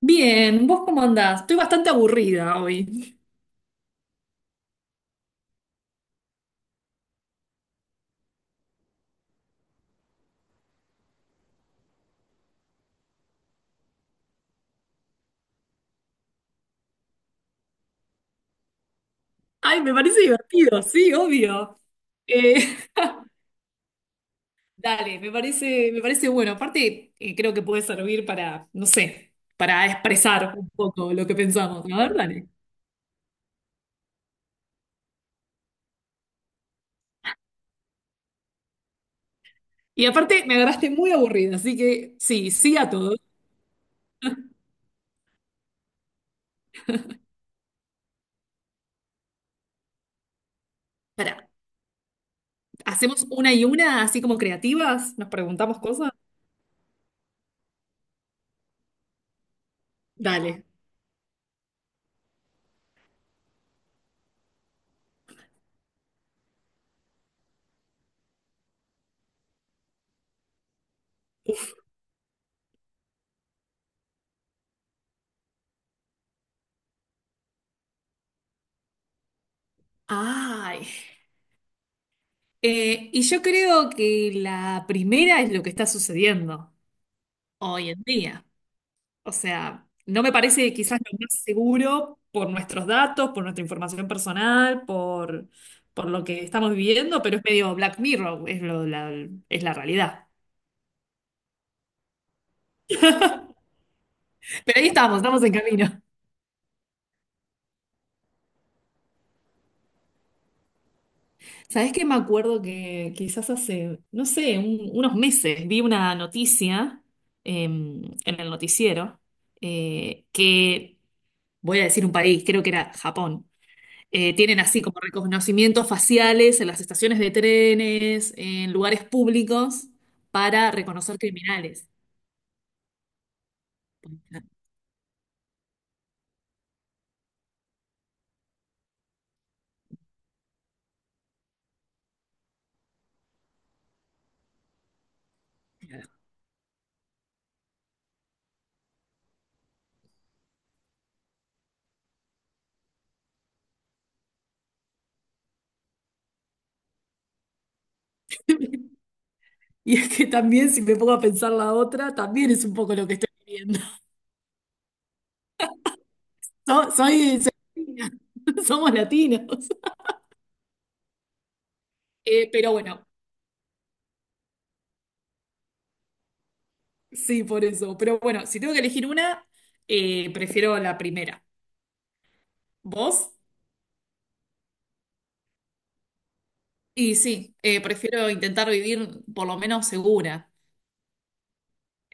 Bien, ¿vos cómo andás? Estoy bastante aburrida hoy. Ay, me parece divertido, sí, obvio. Eh, dale, me parece bueno. Aparte, creo que puede servir para, no sé, para expresar un poco lo que pensamos. A ver, dale. Y aparte, me agarraste muy aburrida, así que sí, sí a todo. Pará, ¿hacemos una y una, así como creativas? ¿Nos preguntamos cosas? Dale. Ay. Y yo creo que la primera es lo que está sucediendo hoy en día. O sea, no me parece quizás lo más seguro por nuestros datos, por nuestra información personal, por lo que estamos viviendo, pero es medio Black Mirror, es, es la realidad. Pero ahí estamos, estamos en camino. ¿Sabés qué? Me acuerdo que quizás hace, no sé, unos meses vi una noticia en el noticiero eh, que, voy a decir un país, creo que era Japón. Tienen así como reconocimientos faciales en las estaciones de trenes, en lugares públicos, para reconocer criminales. Y es que también, si me pongo a pensar la otra, también es un poco lo que estoy viviendo. Soy latina. Somos latinos. Pero bueno, sí, por eso. Pero bueno, si tengo que elegir una, prefiero la primera. ¿Vos? Y sí, prefiero intentar vivir por lo menos segura.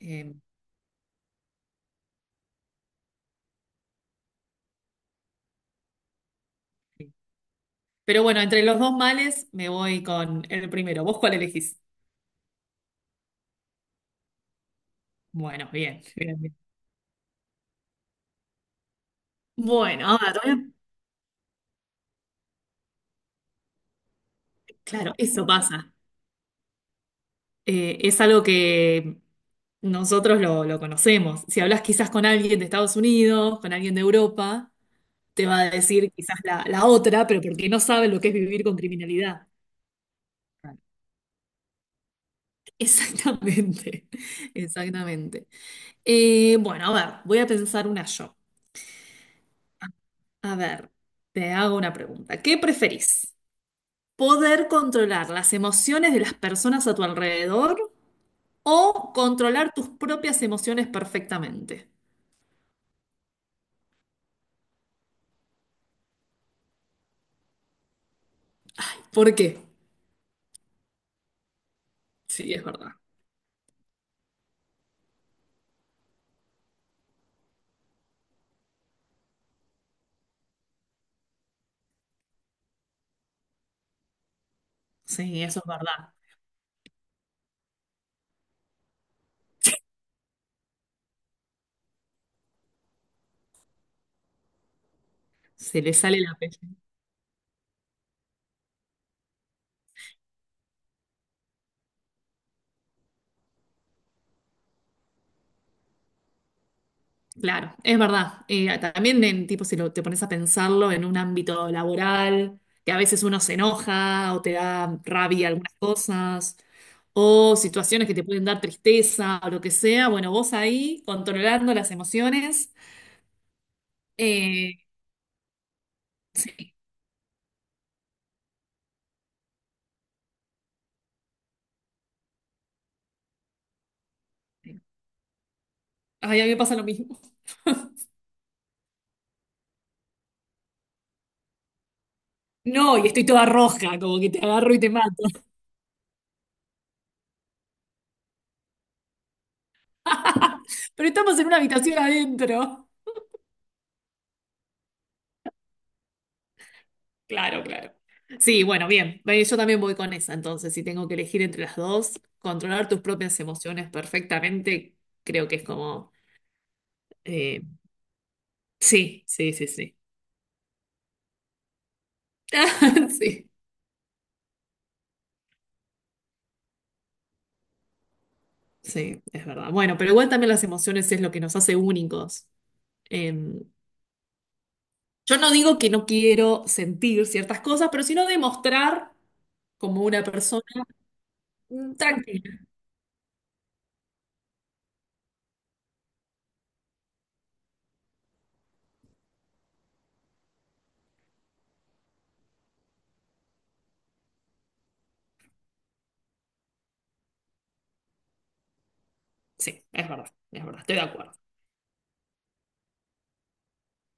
Eh, sí. Pero bueno, entre los dos males me voy con el primero. ¿Vos cuál elegís? Bueno, bien, bien, bien. Bueno, ahora te voy a... Claro, eso pasa. Es algo que nosotros lo conocemos. Si hablas quizás con alguien de Estados Unidos, con alguien de Europa, te va a decir quizás la otra, pero porque no sabe lo que es vivir con criminalidad. Claro. Exactamente, exactamente. Bueno, a ver, voy a pensar una yo. A ver, te hago una pregunta. ¿Qué preferís? Poder controlar las emociones de las personas a tu alrededor o controlar tus propias emociones perfectamente. ¿Por qué? Sí, es verdad. Sí, eso es verdad. Se le sale la pelle. Claro, es verdad. También en tipo, si lo, te pones a pensarlo en un ámbito laboral, que a veces uno se enoja o te da rabia algunas cosas, o situaciones que te pueden dar tristeza o lo que sea. Bueno, vos ahí controlando las emociones. eh, Ay, a mí me pasa lo mismo. No, y estoy toda roja, como que te agarro y te mato. Pero estamos en una habitación adentro. Claro, claro. Sí, bueno, bien. Ve, yo también voy con esa, entonces, si tengo que elegir entre las dos, controlar tus propias emociones perfectamente, creo que es como... eh, sí, sí, sí, sí. Sí, sí, es verdad. Bueno, pero igual también las emociones es lo que nos hace únicos. Em, yo no digo que no quiero sentir ciertas cosas, pero sino demostrar como una persona mm, tranquila. Sí, es verdad, estoy de acuerdo.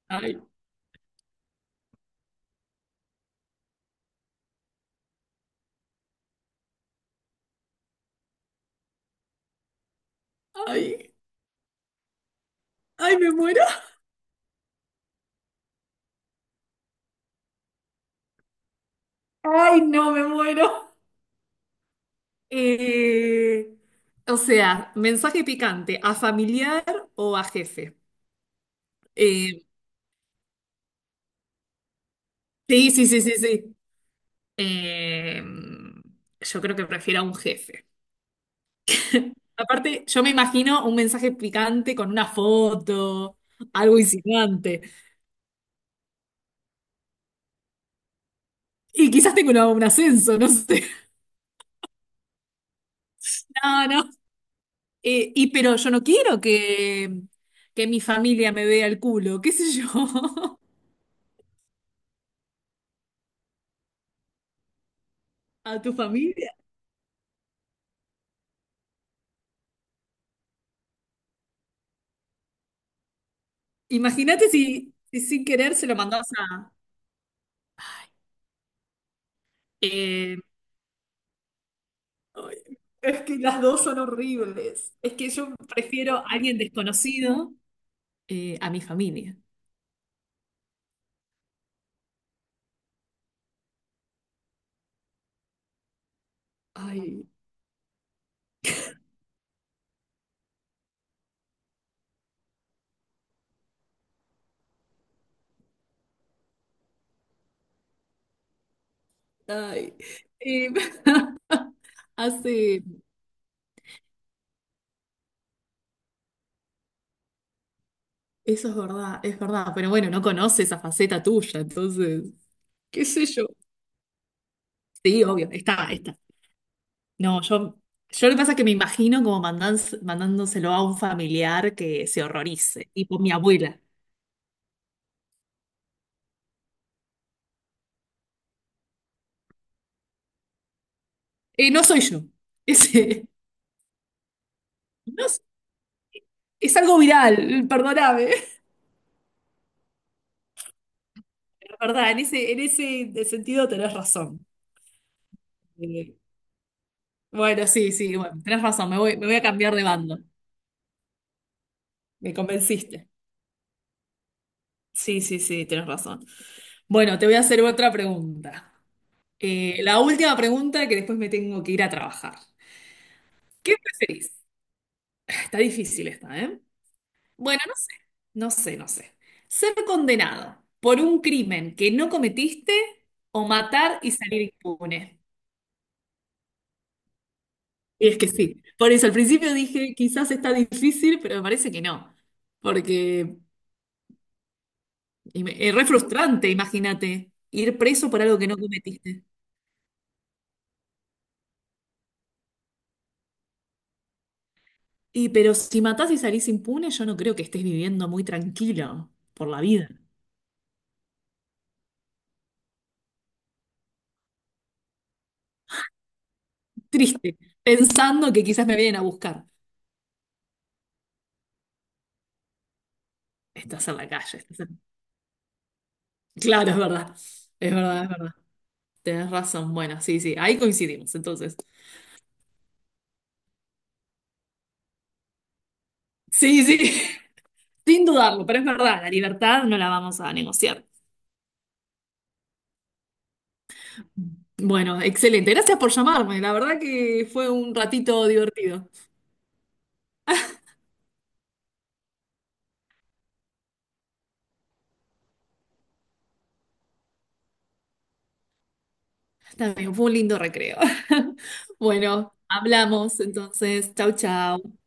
Ay, ay, ay, me muero. Ay, no, me muero. Eh, o sea, mensaje picante, ¿a familiar o a jefe? Eh, sí, sí, sí, sí, sí. Eh, yo creo que prefiero a un jefe. Aparte, yo me imagino un mensaje picante con una foto, algo insinuante. Y quizás tengo un ascenso, no sé. No, no. Y pero yo no quiero que mi familia me vea el culo, qué sé yo, a tu familia. Imagínate si, si sin querer se lo mandás a... eh, ay, es que las dos son horribles. Es que yo prefiero a alguien desconocido a mi familia. Ay, ay. Eh, hace... Eso es verdad, es verdad. Pero bueno, no conoce esa faceta tuya, entonces, qué sé yo. Sí, obvio, está, está. No, yo lo que pasa es que me imagino como mandándoselo a un familiar que se horrorice, tipo mi abuela. No soy yo. Ese, no es, es algo viral, perdóname. Es verdad, en ese sentido tenés razón. Eh, bueno, sí, sí, bueno, tenés razón, me voy a cambiar de bando. Me convenciste. Sí, sí, sí, tenés razón. Bueno, te voy a hacer otra pregunta. La última pregunta que después me tengo que ir a trabajar. ¿Qué preferís? Está difícil esta, ¿eh? Bueno, no sé, no sé, no sé. Ser condenado por un crimen que no cometiste o matar y salir impune. Y es que sí, por eso al principio dije, quizás está difícil, pero me parece que no, porque y es re frustrante, imagínate, ir preso por algo que no cometiste. Y pero si matás y salís impune, yo no creo que estés viviendo muy tranquilo por la vida. Triste, pensando que quizás me vienen a buscar. Estás en la calle, estás en... Claro, es verdad. Es verdad, es verdad. Tenés razón. Bueno, sí, sí, ahí coincidimos, entonces. Sí, sí, sin dudarlo, pero es verdad, la libertad no la vamos a negociar. Bueno, excelente. Gracias por llamarme. La verdad que fue un ratito divertido. También fue un lindo recreo. Bueno, hablamos entonces. Chau, chau.